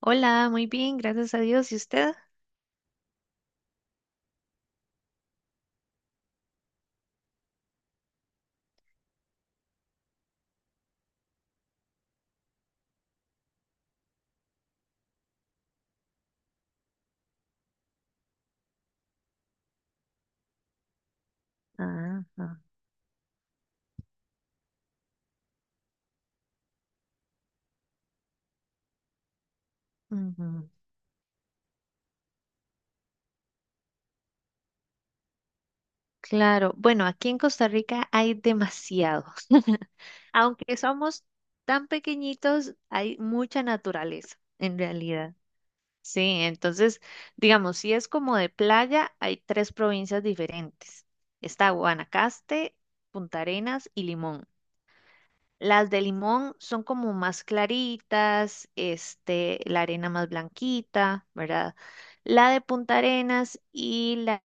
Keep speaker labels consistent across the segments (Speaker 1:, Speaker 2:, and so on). Speaker 1: Hola, muy bien, gracias a Dios. ¿Y usted? Ah, ah, ujú. Claro, bueno, aquí en Costa Rica hay demasiados. Aunque somos tan pequeñitos, hay mucha naturaleza, en realidad. Sí, entonces, digamos, si es como de playa, hay tres provincias diferentes. Está Guanacaste, Punta Arenas y Limón. Las de limón son como más claritas, este, la arena más blanquita, ¿verdad? La de Punta Arenas y la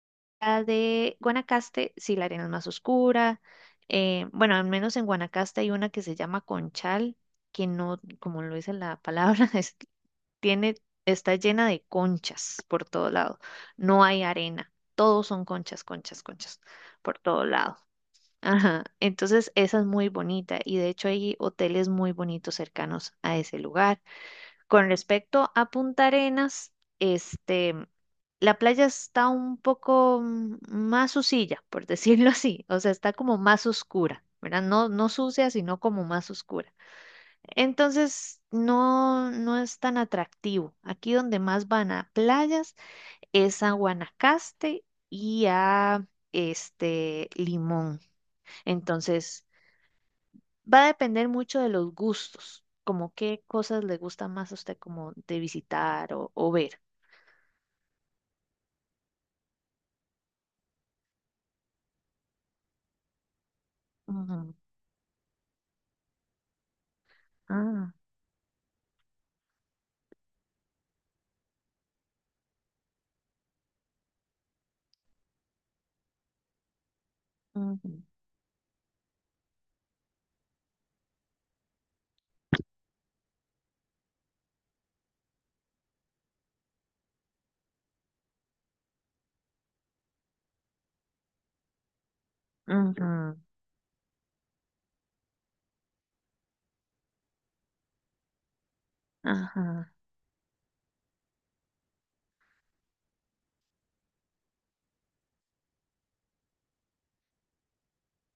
Speaker 1: la de Guanacaste, sí, la arena es más oscura. Bueno, al menos en Guanacaste hay una que se llama Conchal, que no, como lo dice la palabra, tiene, está llena de conchas por todo lado. No hay arena, todos son conchas, conchas, conchas por todo lado. Ajá, entonces esa es muy bonita y de hecho hay hoteles muy bonitos cercanos a ese lugar. Con respecto a Punta Arenas, este, la playa está un poco más sucilla, por decirlo así, o sea, está como más oscura, ¿verdad? No, no sucia, sino como más oscura. Entonces, no, no es tan atractivo. Aquí donde más van a playas es a Guanacaste y a este Limón. Entonces, va a depender mucho de los gustos, como qué cosas le gusta más a usted como de visitar o ver. Ujú, ah, ujú, ujú, ajá.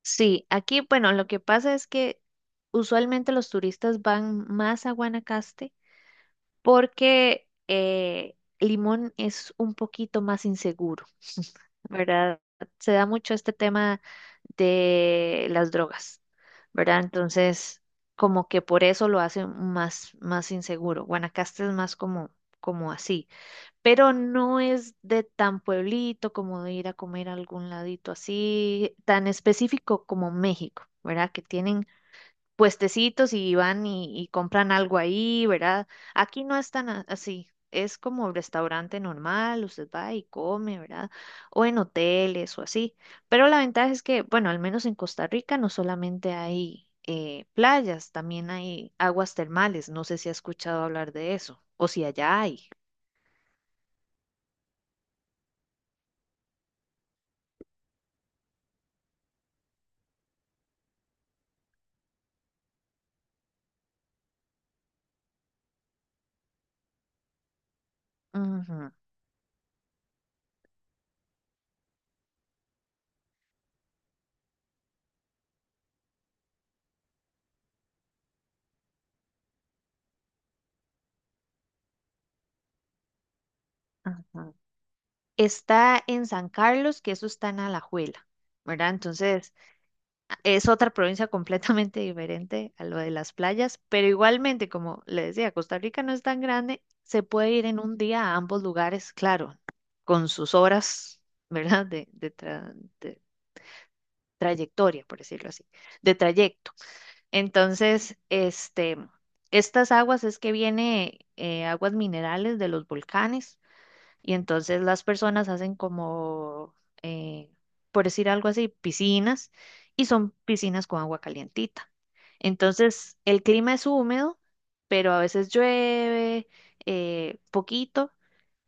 Speaker 1: Sí, aquí, bueno, lo que pasa es que usualmente los turistas van más a Guanacaste porque Limón es un poquito más inseguro, ¿verdad? Se da mucho este tema de las drogas, ¿verdad? Entonces, como que por eso lo hace más, más inseguro. Guanacaste es más como así, pero no es de tan pueblito como de ir a comer a algún ladito así, tan específico como México, ¿verdad? Que tienen puestecitos y van y compran algo ahí, ¿verdad? Aquí no es tan así. Es como restaurante normal, usted va y come, ¿verdad? O en hoteles o así. Pero la ventaja es que, bueno, al menos en Costa Rica no solamente hay playas, también hay aguas termales. No sé si ha escuchado hablar de eso o si allá hay. Ujú, ajá. Está en San Carlos, que eso está en Alajuela, ¿verdad? Entonces, es otra provincia completamente diferente a lo de las playas, pero igualmente, como le decía, Costa Rica no es tan grande, se puede ir en un día a ambos lugares, claro, con sus horas, ¿verdad? De trayectoria, por decirlo así, de trayecto. Entonces, este, estas aguas es que viene aguas minerales de los volcanes. Y entonces las personas hacen como, eh, por decir algo así, piscinas y son piscinas con agua calientita. Entonces el clima es húmedo, pero a veces llueve poquito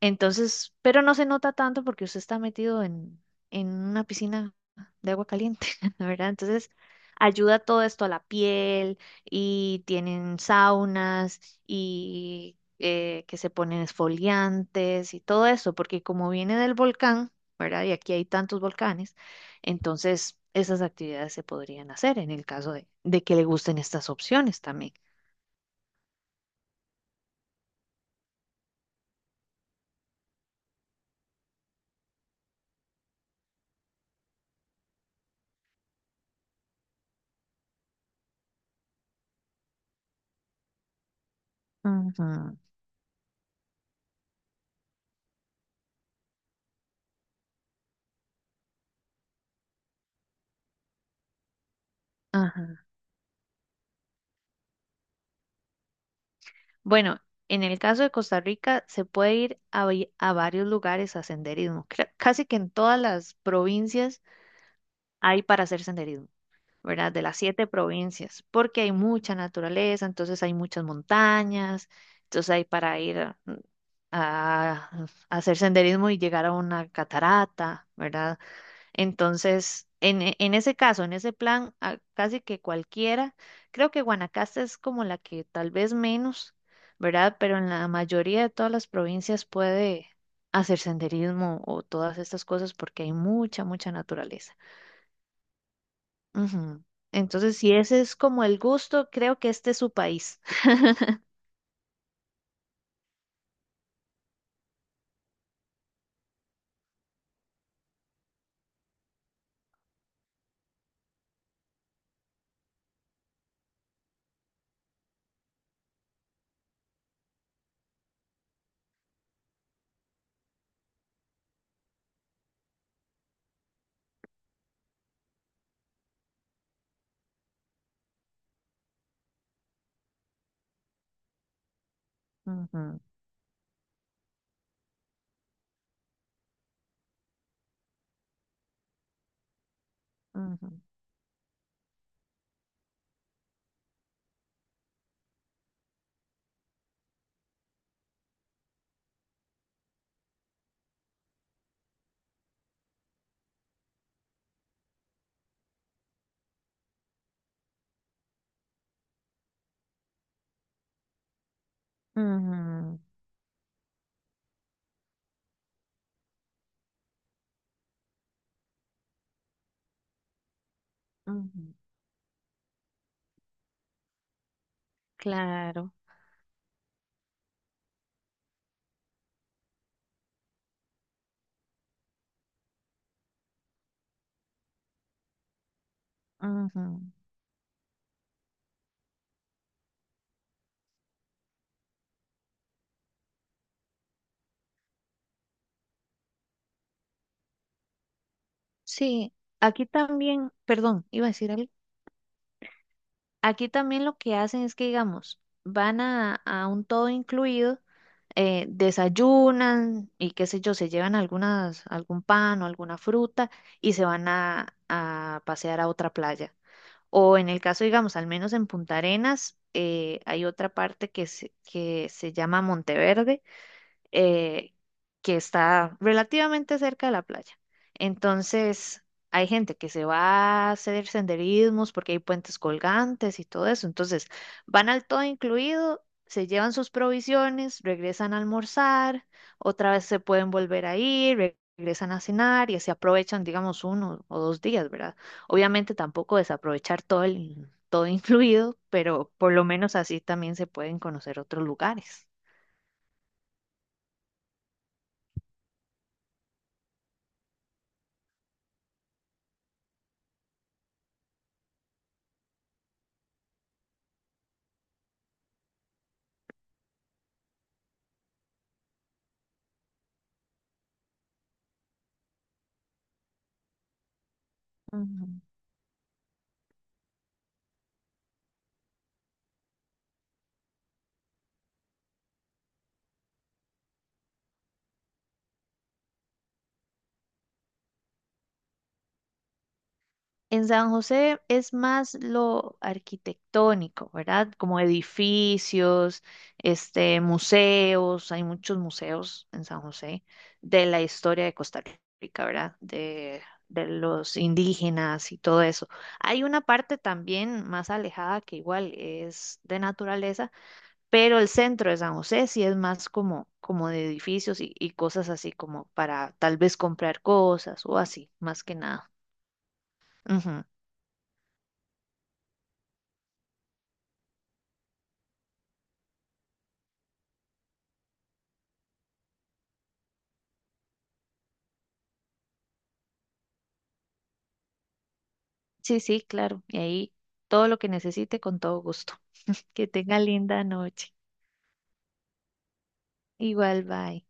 Speaker 1: entonces, pero no se nota tanto porque usted está metido en una piscina de agua caliente, ¿verdad? Entonces, ayuda todo esto a la piel y tienen saunas y que se ponen esfoliantes y todo eso, porque como viene del volcán, ¿verdad? Y aquí hay tantos volcanes, entonces esas actividades se podrían hacer en el caso de que le gusten estas opciones también. Ujú, ajá. Bueno, en el caso de Costa Rica se puede ir a varios lugares a senderismo. Casi que en todas las provincias hay para hacer senderismo, ¿verdad? De las siete provincias, porque hay mucha naturaleza, entonces hay muchas montañas, entonces hay para ir a, a- a hacer senderismo y llegar a una catarata, ¿verdad? Entonces, en ese caso, en ese plan, casi que cualquiera, creo que Guanacaste es como la que tal vez menos, ¿verdad? Pero en la mayoría de todas las provincias puede hacer senderismo o todas estas cosas porque hay mucha, mucha naturaleza. Ujú. Entonces, si ese es como el gusto, creo que este es su país. Ujú, ujú, ujú, ujú. Claro. Ujú. Sí, aquí también, perdón, iba a decir algo. Aquí también lo que hacen es que, digamos, van a, un todo incluido, desayunan y qué sé yo, se llevan algún pan o alguna fruta y se van a pasear a otra playa. O en el caso, digamos, al menos en Punta Arenas, hay otra parte que se llama Monteverde eh, que está relativamente cerca de la playa. Entonces, hay gente que se va a hacer senderismos porque hay puentes colgantes y todo eso. Entonces, van al todo incluido, se llevan sus provisiones, regresan a almorzar, otra vez se pueden volver a ir, regresan a cenar y así aprovechan, digamos, uno o dos días, ¿verdad? Obviamente tampoco desaprovechar todo el todo incluido, pero por lo menos así también se pueden conocer otros lugares. Ujú. En San José es más lo arquitectónico, ¿verdad? Como edificios, este, museos, hay muchos museos en San José de la historia de Costa Rica, ¿verdad? De los indígenas y todo eso. Hay una parte también más alejada que igual es de naturaleza, pero el centro de San José sí es más como, de edificios y cosas así como para tal vez comprar cosas o así, más que nada. Sí, sí, claro. Y ahí todo lo que necesite con todo gusto. Que tenga linda noche. Igual, bye.